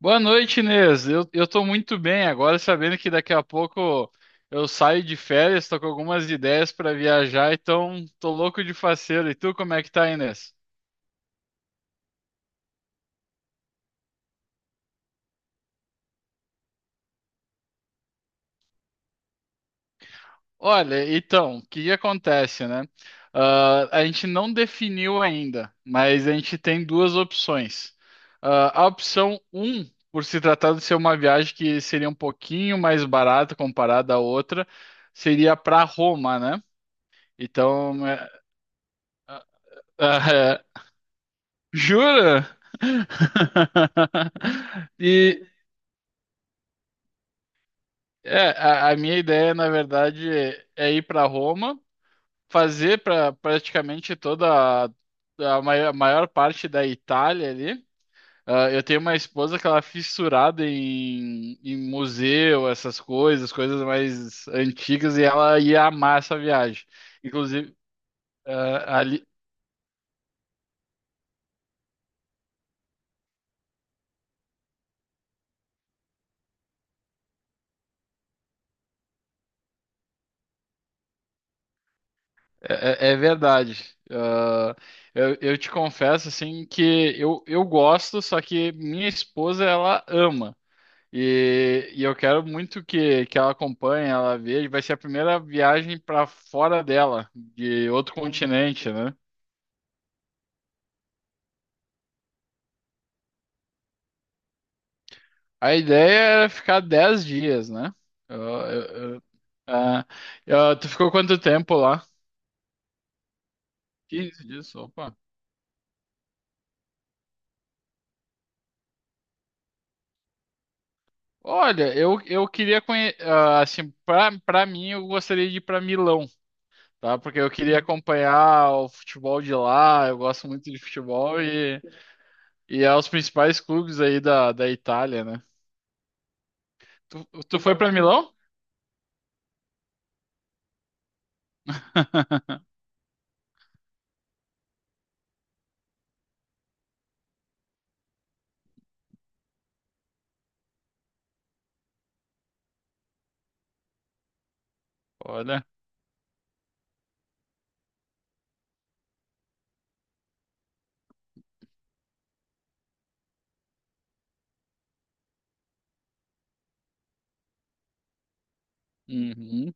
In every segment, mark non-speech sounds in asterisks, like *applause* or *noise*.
Boa noite, Inês. Eu tô muito bem agora, sabendo que daqui a pouco eu saio de férias, tô com algumas ideias para viajar, então tô louco de faceiro. E tu, como é que tá, Inês? Olha, então, o que que acontece, né? A gente não definiu ainda, mas a gente tem duas opções. A opção um, por se tratar de ser uma viagem que seria um pouquinho mais barata comparada à outra, seria para Roma, né? Então, *laughs* Jura? *laughs* E a minha ideia, na verdade, é ir para Roma, fazer para praticamente toda a maior parte da Itália ali. Ah, eu tenho uma esposa que ela é fissurada em museu, essas coisas, coisas mais antigas, e ela ia amar essa viagem. Inclusive, é, é verdade. Ah, eu te confesso assim que eu gosto, só que minha esposa ela ama. E eu quero muito que ela acompanhe, ela veja. Vai ser a primeira viagem para fora dela, de outro continente, né? A ideia era ficar 10 dias, né? Eu- eu- eu- ah, ah, tu ficou quanto tempo lá? 15 dias, opa. Olha, eu queria conhecer, assim, pra mim, eu gostaria de ir pra Milão. Tá? Porque eu queria acompanhar o futebol de lá, eu gosto muito de futebol e é os principais clubes aí da Itália, né? Tu foi para Milão? *laughs* Olha, uhum,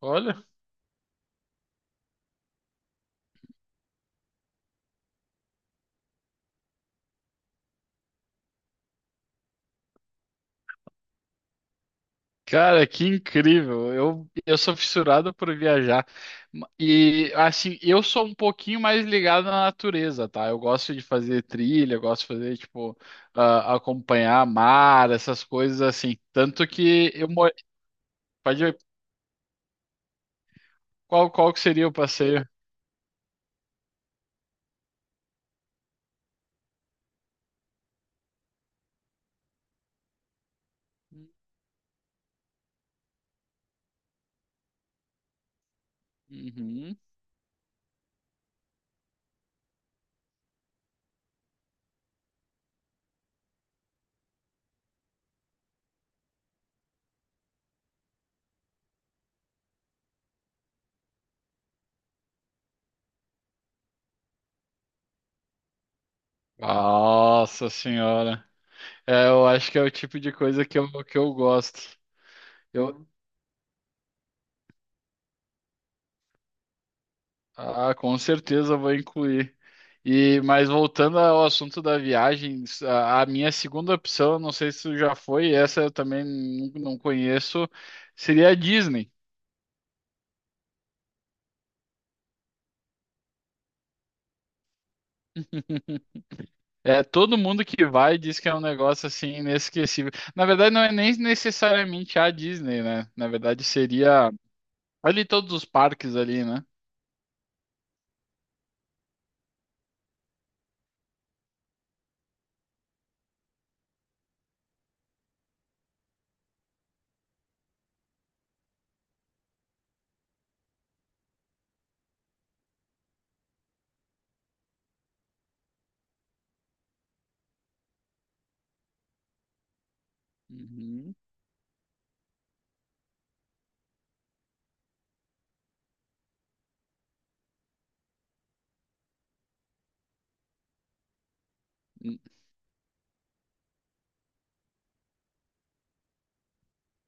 olha. Cara, que incrível! Eu sou fissurado por viajar. E assim, eu sou um pouquinho mais ligado na natureza, tá? Eu gosto de fazer trilha, eu gosto de fazer, tipo, ah, acompanhar mar, essas coisas assim. Tanto que eu moro. Pode ver qual que seria o passeio? Uhum. Nossa senhora. É, eu acho que é o tipo de coisa que eu gosto. Eu, ah, com certeza eu vou incluir. E, mas voltando ao assunto da viagem, a minha segunda opção, não sei se já foi, essa eu também não conheço, seria a Disney. *laughs* É, todo mundo que vai diz que é um negócio assim inesquecível. Na verdade, não é nem necessariamente a Disney, né? Na verdade, seria ali todos os parques ali, né? Uhum.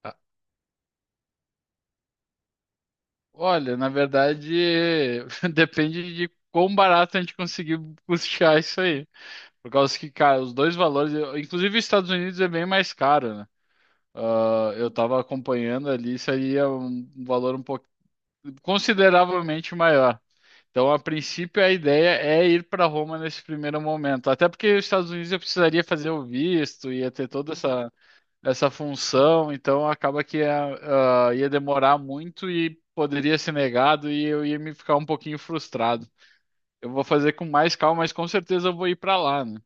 Ah, olha, na verdade, *laughs* depende de quão barato a gente conseguir custear isso aí. Por causa que, cara, os dois valores, inclusive os Estados Unidos é bem mais caro, né? Ah, eu tava acompanhando ali, isso aí é um valor um pouco consideravelmente maior. Então, a princípio, a ideia é ir para Roma nesse primeiro momento. Até porque os Estados Unidos eu precisaria fazer o visto, ia ter toda essa função, então acaba que ia, ah, ia demorar muito e poderia ser negado e eu ia me ficar um pouquinho frustrado. Eu vou fazer com mais calma, mas com certeza eu vou ir para lá, né?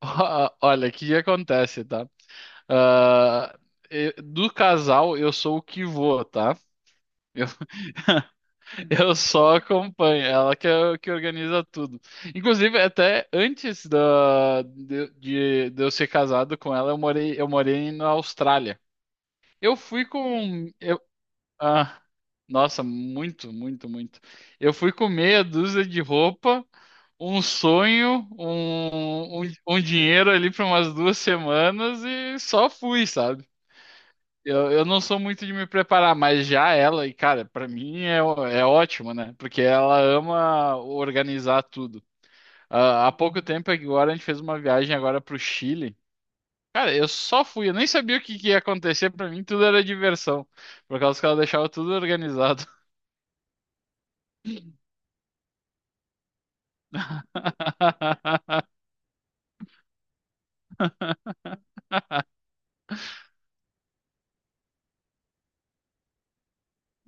*laughs* Olha, o que que acontece, tá? Ah, do casal, eu sou o que vou, tá? Eu, *laughs* eu só acompanho, ela que organiza tudo. Inclusive, até antes de eu ser casado com ela, eu morei na Austrália. Eu fui com. Eu, Ah, nossa, muito, muito, muito. Eu fui com meia dúzia de roupa, um sonho, um dinheiro ali para umas 2 semanas e só fui, sabe? Eu não sou muito de me preparar, mas já ela, e cara, para mim é, é ótimo, né? Porque ela ama organizar tudo. Ah, há pouco tempo agora a gente fez uma viagem agora pro Chile. Cara, eu só fui, eu nem sabia o que que ia acontecer, para mim tudo era diversão, por causa que ela deixava tudo organizado. *laughs*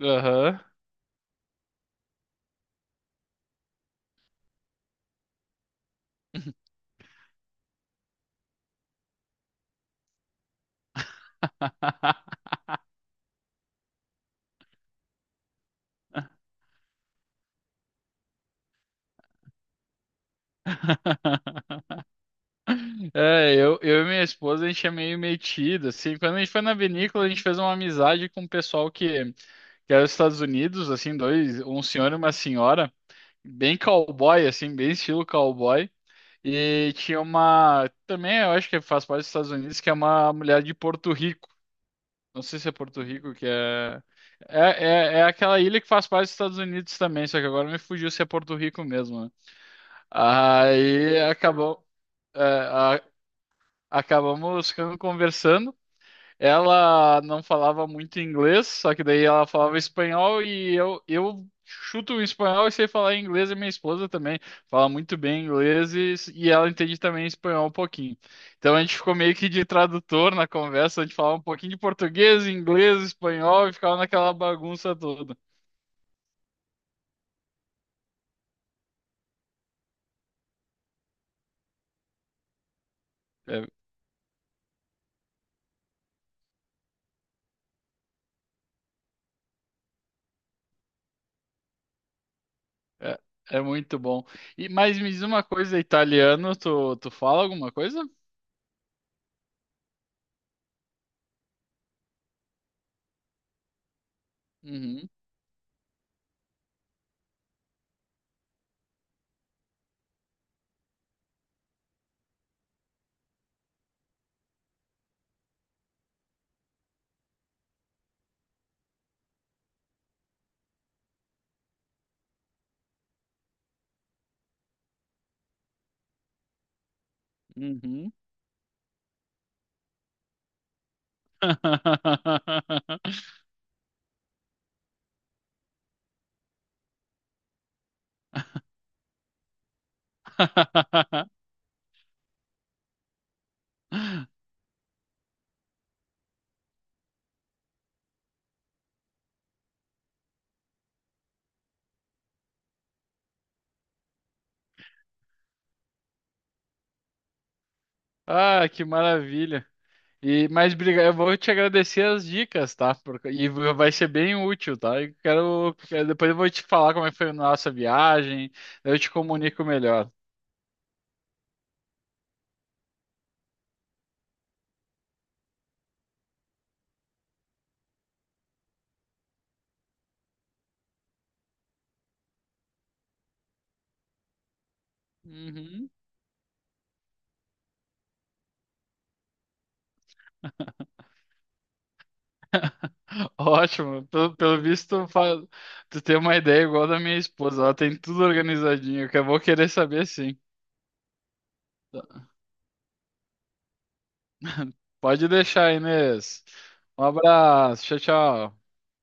Aham. Eu e minha esposa, a gente é meio metido, assim, quando a gente foi na vinícola, a gente fez uma amizade com um pessoal que era dos Estados Unidos, assim, dois, um senhor e uma senhora, bem cowboy, assim, bem estilo cowboy, e tinha uma, também eu acho que faz parte dos Estados Unidos, que é uma mulher de Porto Rico, não sei se é Porto Rico, que é... É, é aquela ilha que faz parte dos Estados Unidos também, só que agora me fugiu se é Porto Rico mesmo, né? Aí acabou, é, a- acabamos ficando conversando. Ela não falava muito inglês, só que daí ela falava espanhol e eu chuto o espanhol e sei falar inglês e minha esposa também fala muito bem inglês e ela entende também espanhol um pouquinho. Então a gente ficou meio que de tradutor na conversa, a gente falava um pouquinho de português, inglês, espanhol e ficava naquela bagunça toda. É, é, é muito bom. E, mas me diz uma coisa, italiano, tu fala alguma coisa? Uhum, uhum. *laughs* Ah, que maravilha. E mais obrigado, eu vou te agradecer as dicas, tá? E vai ser bem útil, tá? Eu depois eu vou te falar como é que foi a nossa viagem, eu te comunico melhor. Uhum. *laughs* Ótimo. Pelo visto, tu tem uma ideia igual da minha esposa, ela tem tudo organizadinho, que eu vou querer saber sim. *laughs* Pode deixar, Inês. Um abraço. Tchau, tchau.